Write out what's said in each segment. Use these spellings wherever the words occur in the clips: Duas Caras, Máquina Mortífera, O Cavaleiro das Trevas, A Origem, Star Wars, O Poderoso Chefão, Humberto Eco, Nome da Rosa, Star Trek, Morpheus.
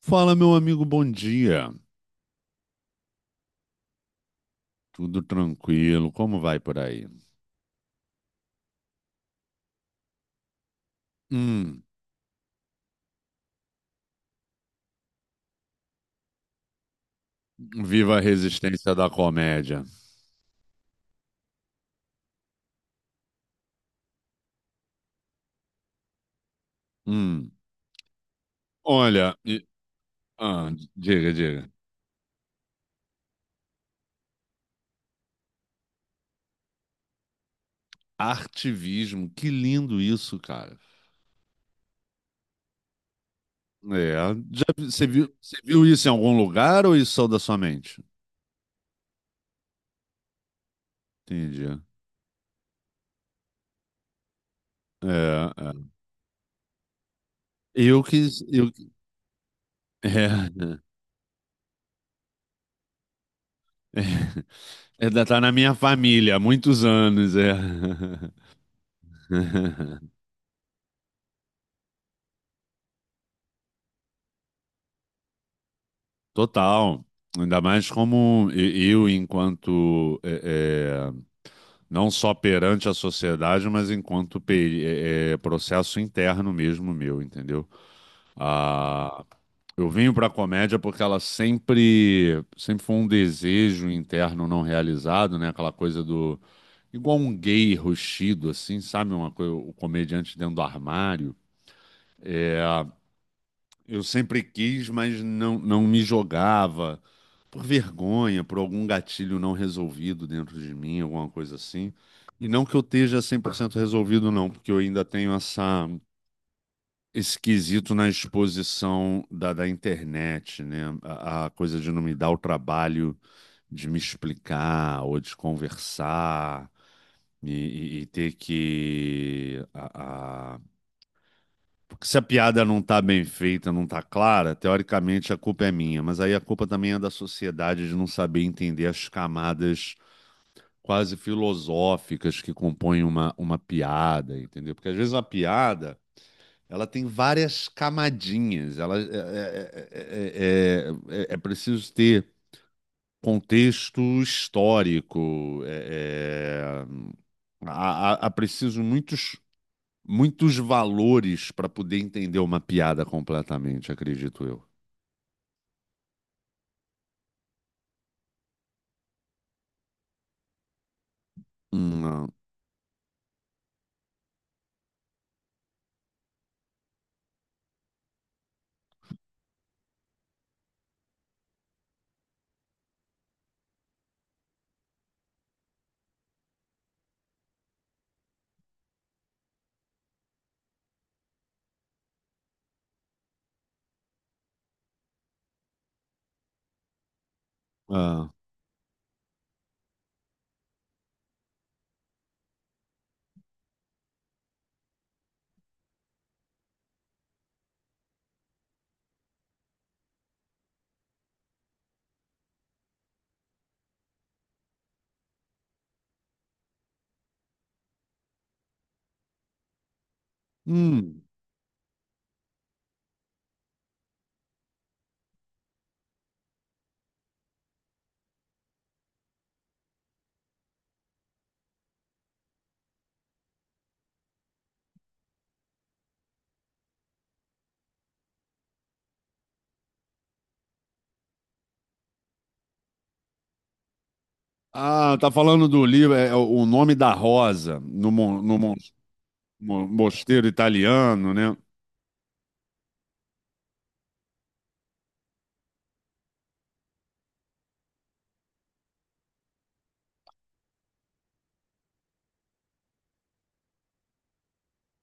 Fala, meu amigo, bom dia. Tudo tranquilo? Como vai por aí? Hum, Viva a resistência da comédia. Hum, Olha, ah, diga, diga. Artivismo, que lindo isso, cara. É, você viu isso em algum lugar ou isso só da sua mente? Entendi. É, é. Eu que eu é, tá na minha família há muitos anos, é. Total. Ainda mais como eu, enquanto não só perante a sociedade, mas enquanto processo interno mesmo meu, entendeu? Ah, eu vim para a comédia porque ela sempre, sempre foi um desejo interno não realizado, né? Aquela coisa do igual um gay roxido, assim, sabe? Uma coisa, o comediante dentro do armário. É, eu sempre quis, mas não, não me jogava por vergonha, por algum gatilho não resolvido dentro de mim, alguma coisa assim. E não que eu esteja 100% resolvido, não, porque eu ainda tenho essa, esse quesito na exposição da, internet, né? A coisa de não me dar o trabalho de me explicar ou de conversar e, e ter que porque se a piada não tá bem feita, não tá clara, teoricamente a culpa é minha, mas aí a culpa também é da sociedade de não saber entender as camadas quase filosóficas que compõem uma, piada, entendeu? Porque às vezes uma piada, ela tem várias camadinhas, ela é, é, é, é- é é, é preciso ter contexto histórico, é, há preciso muitos muitos valores para poder entender uma piada completamente, acredito eu. Não. Ah. Hum. Ah, tá falando do livro, é O Nome da Rosa, no mosteiro italiano, né?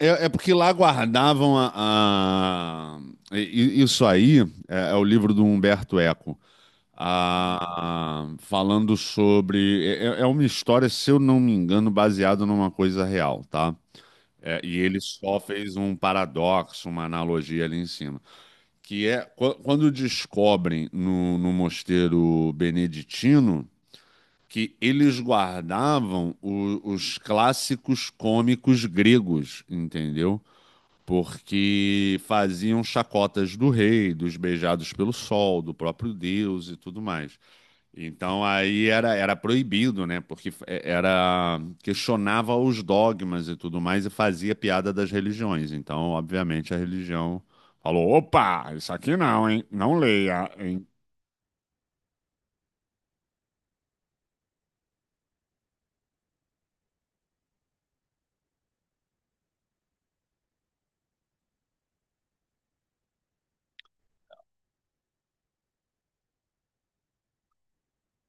É, é porque lá guardavam a, a- isso aí é o livro do Humberto Eco, falando sobre uma história, se eu não me engano, baseada numa coisa real, tá? É, e ele só fez um paradoxo, uma analogia ali em cima. Que é quando descobrem no mosteiro beneditino que eles guardavam os clássicos cômicos gregos, entendeu? Porque faziam chacotas do rei, dos beijados pelo sol, do próprio Deus e tudo mais. Então aí era proibido, né? Porque era questionava os dogmas e tudo mais e fazia piada das religiões. Então, obviamente, a religião falou: opa, isso aqui não, hein? Não leia, hein?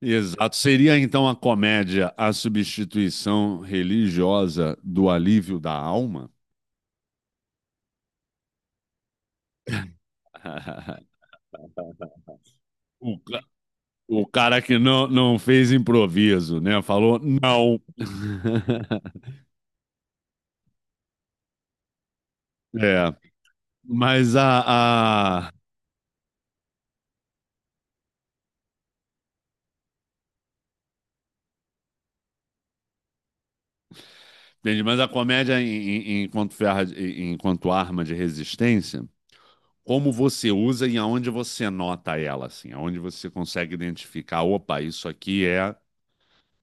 Exato. Seria então a comédia a substituição religiosa do alívio da alma? O, ca- o cara que não, não fez improviso, né? Falou não. É. Mas a, entendi, mas a comédia enquanto, ferra, enquanto arma de resistência, como você usa e aonde você nota ela, assim, aonde você consegue identificar, opa, isso aqui é,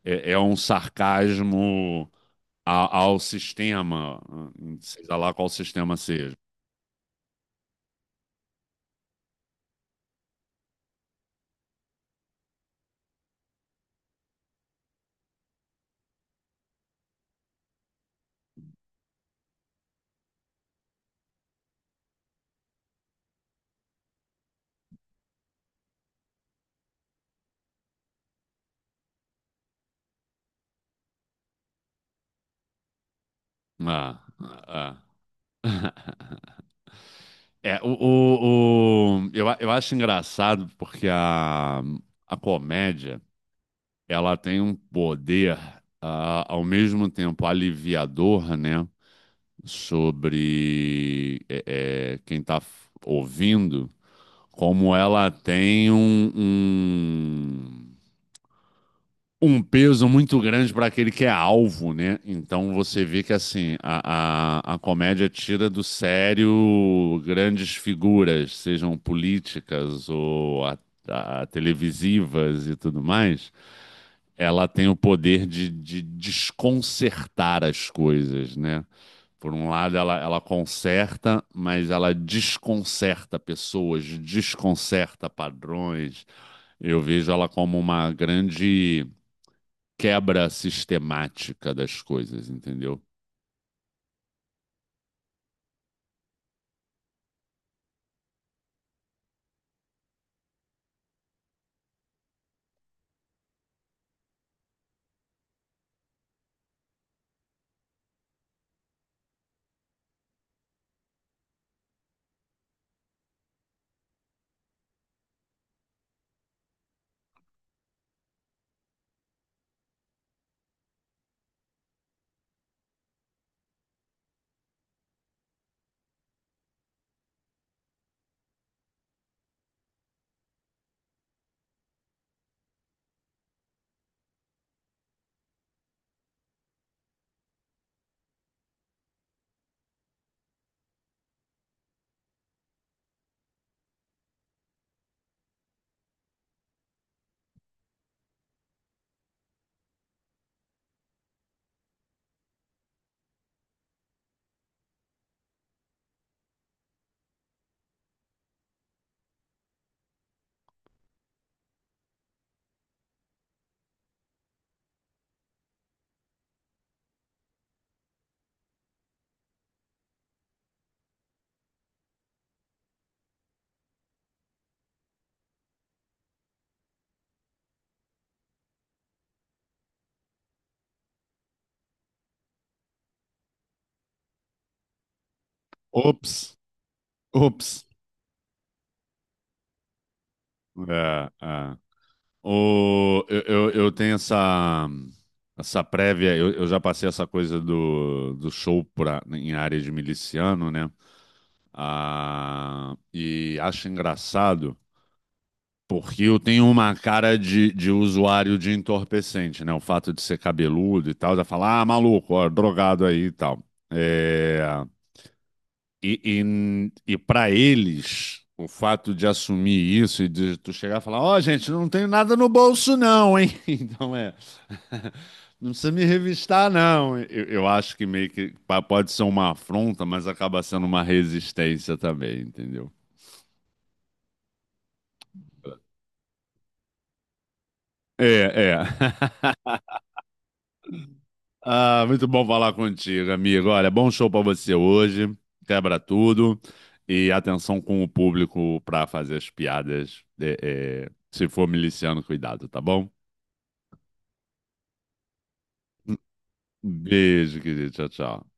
é um sarcasmo ao sistema, seja lá qual sistema seja. Ah, ah, ah. É, eu acho engraçado porque a, comédia, ela tem um poder, ao mesmo tempo aliviador, né? Sobre quem está ouvindo, como ela tem um, peso muito grande para aquele que é alvo, né? Então você vê que assim a comédia tira do sério grandes figuras, sejam políticas ou televisivas e tudo mais. Ela tem o poder de desconcertar as coisas, né? Por um lado, ela conserta, mas ela desconcerta pessoas, desconcerta padrões. Eu vejo ela como uma grande quebra sistemática das coisas, entendeu? Ops, ops. É, é. O, eu tenho essa, prévia, eu já passei essa coisa do show pra, em área de miliciano, né? Ah, e acho engraçado porque eu tenho uma cara de usuário de entorpecente, né? O fato de ser cabeludo e tal, já falar, ah, maluco, ó, drogado aí e tal. É, e e para eles, o fato de assumir isso e de tu chegar e falar, ó, gente, não tenho nada no bolso, não, hein? Então é. Não precisa me revistar, não. Eu acho que meio que pode ser uma afronta, mas acaba sendo uma resistência também, entendeu? É, é. Ah, muito bom falar contigo, amigo. Olha, bom show pra você hoje. Quebra tudo. E atenção com o público pra fazer as piadas. É, se for miliciano, cuidado, tá bom? Beijo, querido. Tchau, tchau.